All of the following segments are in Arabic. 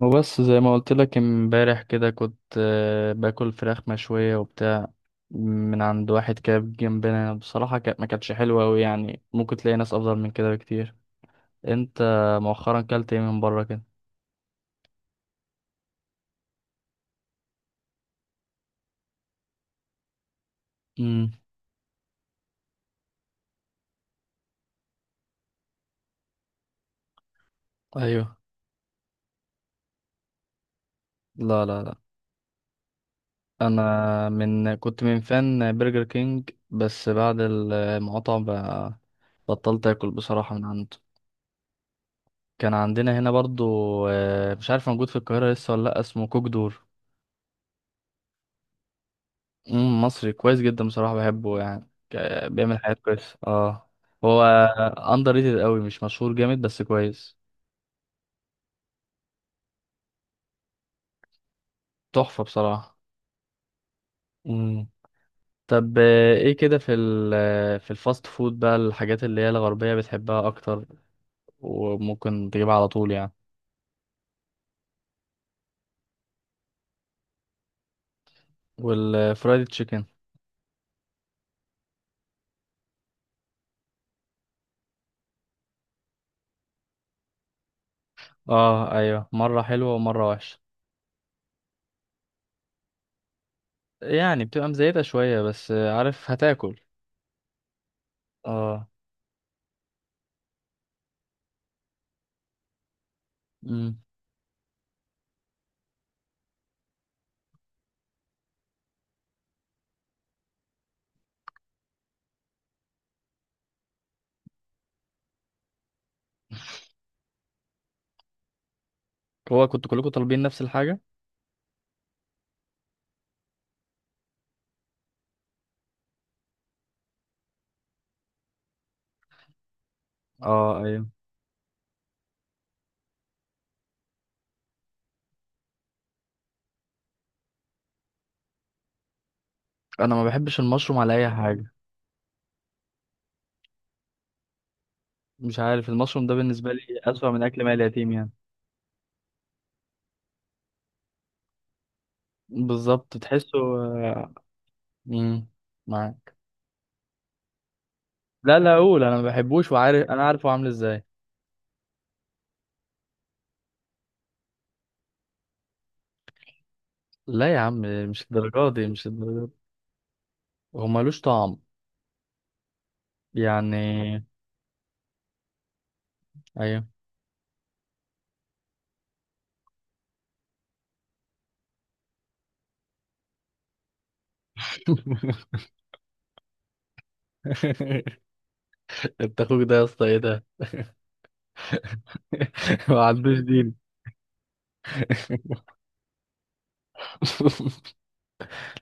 وبس زي ما قلت لك امبارح كده كنت باكل فراخ مشوية وبتاع من عند واحد كده جنبنا. بصراحة كانت ما كانتش حلوة أوي، يعني ممكن تلاقي ناس أفضل من كده بكتير. أنت مؤخرا كلت إيه من بره كده؟ امم أيوه. لا. أنا من كنت من فان برجر كينج، بس بعد المقاطعة بقى بطلت آكل بصراحة من عنده. كان عندنا هنا برضو، مش عارف موجود في القاهرة لسه ولا لأ، اسمه كوك دور. مم، مصري كويس جدا بصراحة، بحبه يعني بيعمل حاجات كويسة. اه، هو اندر ريتد قوي، مش مشهور جامد بس كويس. تحفة بصراحة. مم. طب ايه كده في في الفاست فود بقى الحاجات اللي هي الغربية بتحبها اكتر، وممكن تجيبها على طول يعني؟ والفرايد تشيكن؟ اه ايوه، مرة حلوة ومرة وحشة. يعني بتبقى مزيتة شوية، بس عارف هتاكل. اه. مم. هو كنتوا كلكم طالبين نفس الحاجة؟ اه ايوه. انا ما بحبش المشروم على اي حاجة. مش عارف، المشروم ده بالنسبة لي أسوأ من أكل مال اليتيم يعني. بالظبط، تحسه. امم معاك. لا لا، أقول أنا ما بحبوش، وعارف، أنا عارف هو عامل إزاي. لا يا عم، مش الدرجة دي، مش الدرجة دي. هو ملوش طعم يعني. أيوه. أنت أخوك ده يا اسطى، إيه ده؟ ما عندوش دين.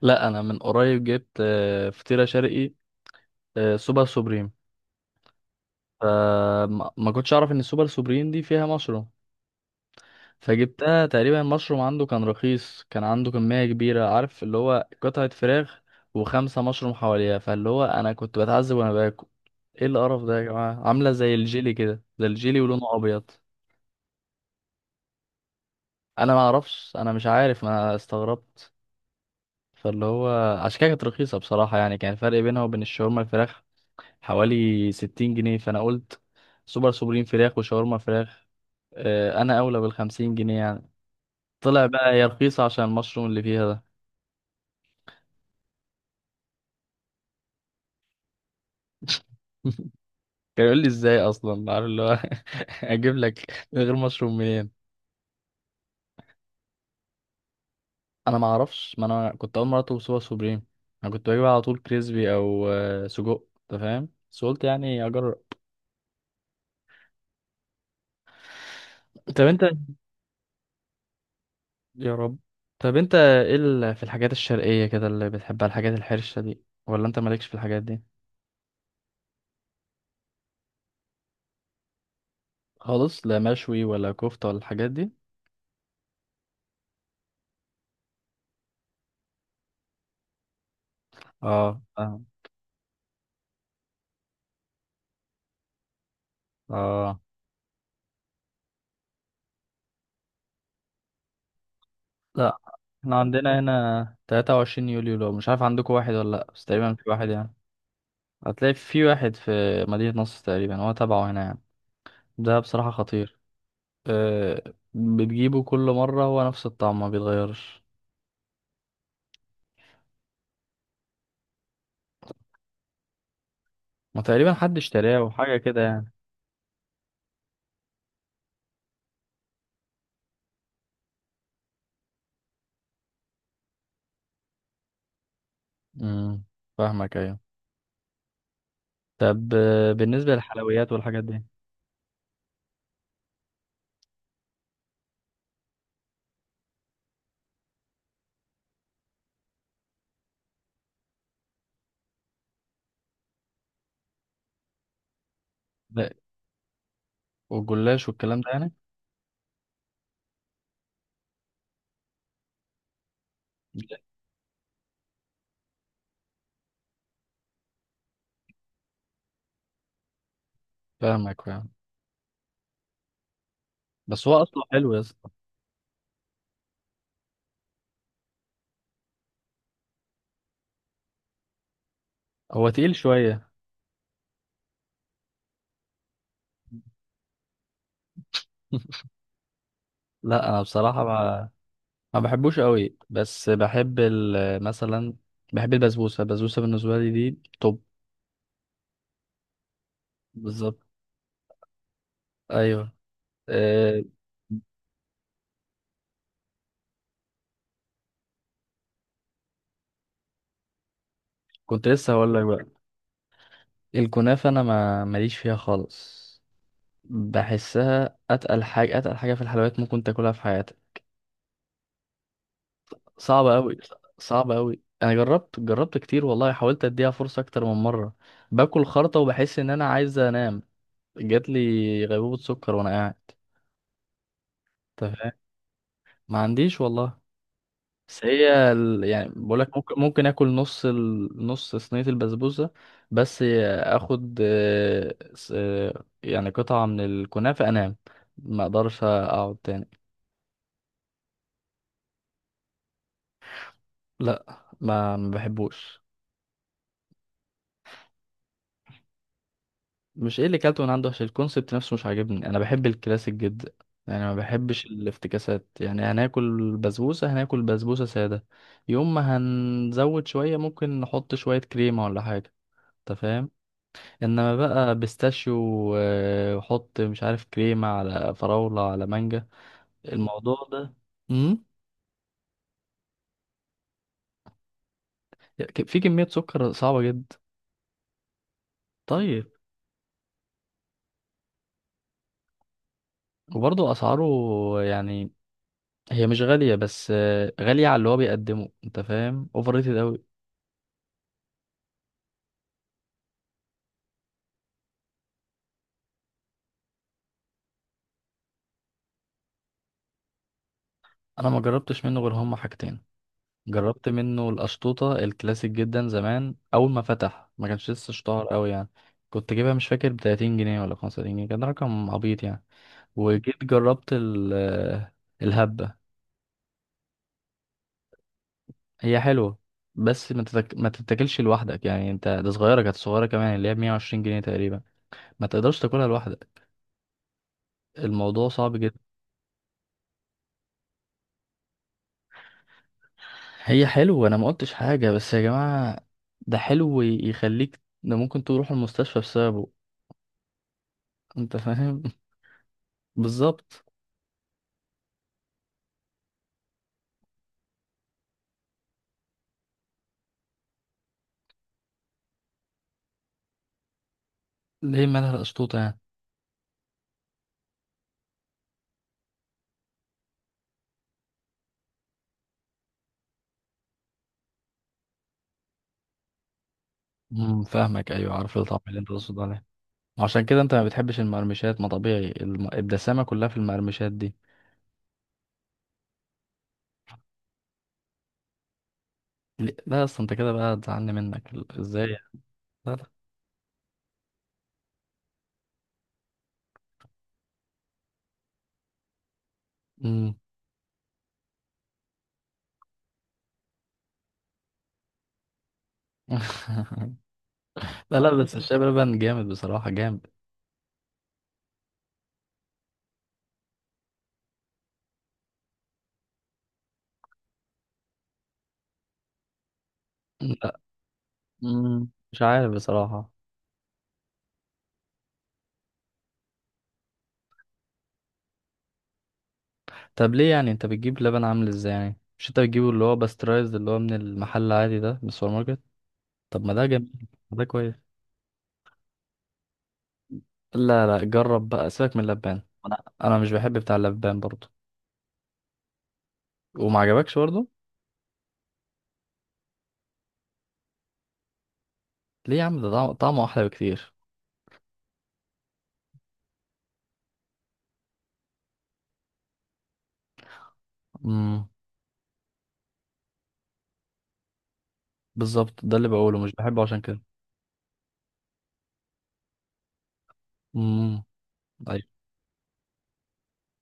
لا، أنا من قريب جبت فطيرة شرقي، سوبر سوبريم. آه، ما ما كنتش أعرف إن السوبر سوبريم دي فيها مشروم، فجبتها. تقريبا المشروم عنده كان رخيص، كان عنده كمية كبيرة، عارف اللي هو قطعة فراخ وخمسة مشروم حواليها. فاللي هو أنا كنت بتعذب وأنا باكل. ايه القرف ده يا جماعة، عاملة زي الجيلي كده، زي الجيلي ولونه أبيض. أنا ما أعرفش، أنا مش عارف، ما أنا استغربت. فاللي هو عشان كده كانت رخيصة بصراحة. يعني كان الفرق بينها وبين الشاورما الفراخ حوالي 60 جنيه، فأنا قلت سوبر سوبرين فراخ وشاورما فراخ، أنا أولى بال50 جنيه يعني. طلع بقى هي رخيصة عشان المشروم اللي فيها ده. كان يقول لي ازاي اصلا، عارف اللي هو اجيب لك من غير مشروم منين؟ انا ما اعرفش، ما انا كنت اول مره اطلب سوبر سوبريم. انا كنت بجيب على طول كريسبي او سجق، انت فاهم، بس قلت يعني اجرب. طب انت، يا رب، طب انت ايه في الحاجات الشرقيه كده اللي بتحبها، الحاجات الحرشه دي، ولا انت مالكش في الحاجات دي خالص؟ لا مشوي ولا كفته ولا الحاجات دي؟ اه اه. اه. لا، احنا عندنا هنا 23 يوليو، لو مش عارف. عندكم واحد ولا لا؟ بس تقريبا في واحد يعني، هتلاقي في واحد في مدينة نصر تقريبا، هو تبعه هنا يعني. ده بصراحة خطير. أه، بتجيبه كل مرة هو نفس الطعم، ما بيتغيرش. ما تقريبا حد اشتراه وحاجة كده يعني. امم فاهمك، ايوه. طب بالنسبة للحلويات والحاجات دي. ده والجلاش والكلام ده يعني؟ لا. فاهمك، فاهم. بس هو اصله حلو يا اسطى. هو تقيل شوية. لا انا بصراحة ما بحبوش قوي، بس بحب مثلا بحب البسبوسة. البسبوسة بالنسبة لي دي توب. بالظبط. ايوه. أه. كنت لسه هقول لك بقى، الكنافة انا ما ماليش فيها خالص. بحسها اتقل حاجة، اتقل حاجة في الحلويات ممكن تاكلها في حياتك. صعبة قوي. صعبة قوي. انا جربت، جربت كتير والله، حاولت اديها فرصة اكتر من مرة. باكل خرطة وبحس ان انا عايز انام. جات لي غيبوبة سكر وانا قاعد. انت فاهم. ما عنديش والله. بس هي ال... يعني بقولك ممكن، ممكن اكل نص ال... نص صينية البسبوسة بس. اخد يعني قطعة من الكنافة، انام، ما اقدرش اقعد تاني. لا ما بحبوش. مش ايه اللي كلته من عنده، عشان الكونسبت نفسه مش عاجبني. انا بحب الكلاسيك جدا يعني، ما بحبش الافتكاسات. يعني هناكل بسبوسة، هناكل بسبوسة سادة. يوم ما هنزود شوية ممكن نحط شوية كريمة ولا حاجة، انت فاهم. انما بقى بيستاشيو وحط مش عارف كريمة على فراولة على مانجا، الموضوع ده. امم في كمية سكر صعبة جدا. طيب، وبرضه اسعاره يعني. هي مش غالية، بس غالية على اللي هو بيقدمه، انت فاهم، اوفر ريتد اوي. انا ما جربتش منه غير هما حاجتين. جربت منه القشطوطة الكلاسيك جدا زمان، اول ما فتح، ما كانش لسه اشتهر اوي يعني. كنت جايبها مش فاكر ب 30 جنيه ولا 35 جنيه. كان رقم عبيط يعني. وجيت جربت الهبة. هي حلوة، بس ما تتاكلش لوحدك يعني. انت ده صغيرة، كانت صغيرة كمان، اللي هي ب 120 جنيه تقريبا. ما تقدرش تاكلها لوحدك، الموضوع صعب جدا. هي حلوة، انا ما قلتش حاجة، بس يا جماعة ده حلو يخليك، ده ممكن تروح المستشفى بسببه. انت فاهم. بالظبط. ليه مالها القشطوطة يعني؟ فاهمك، ايوه، عارف الطعم اللي انت تقصد عليه. عشان كده انت ما بتحبش المقرمشات، ما طبيعي، الدسامة كلها في المقرمشات دي. ليه؟ لا اصل انت كده بقى هتزعلني منك، ازاي يعني؟ لا لا. مم. لا لا، بس الشاي بلبن جامد بصراحة، جامد. لا. مم. مش عارف بصراحة. طب ليه يعني؟ انت بتجيب لبن عامل ازاي يعني؟ مش انت بتجيبه اللي هو باسترايزد، اللي هو من المحل العادي ده، من السوبر ماركت؟ طب ما ده جميل، ما ده كويس. لا لا، جرب بقى، سيبك من اللبان. انا مش بحب بتاع اللبان برضه. وما عجبكش برضه. ليه يا عم ده طعمه احلى بكتير. امم بالظبط، ده اللي بقوله، مش بحبه عشان كده. امم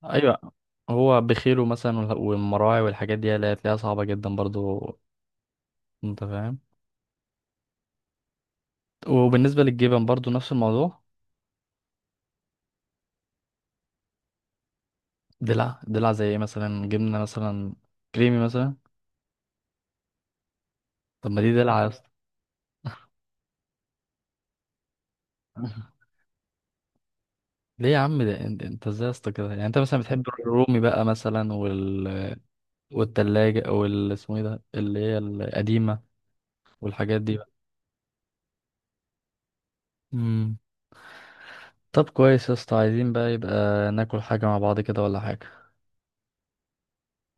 ايوه. هو بخيله مثلا والمراعي والحاجات دي، اللي هتلاقيها صعبة جدا برضو. انت فاهم. وبالنسبة للجبن برضو نفس الموضوع. دلع؟ دلع زي ايه مثلا؟ جبنة مثلا كريمي مثلا؟ طب ما دي دلع يا لا اسطى. ليه يا عم؟ ده انت، انت ازاي يا اسطى كده يعني؟ انت مثلا بتحب الرومي بقى مثلا، والتلاجة وال اسمه ايه ده اللي هي القديمة والحاجات دي بقى؟ مم. طب كويس يا اسطى، عايزين بقى يبقى ناكل حاجة مع بعض كده ولا حاجة؟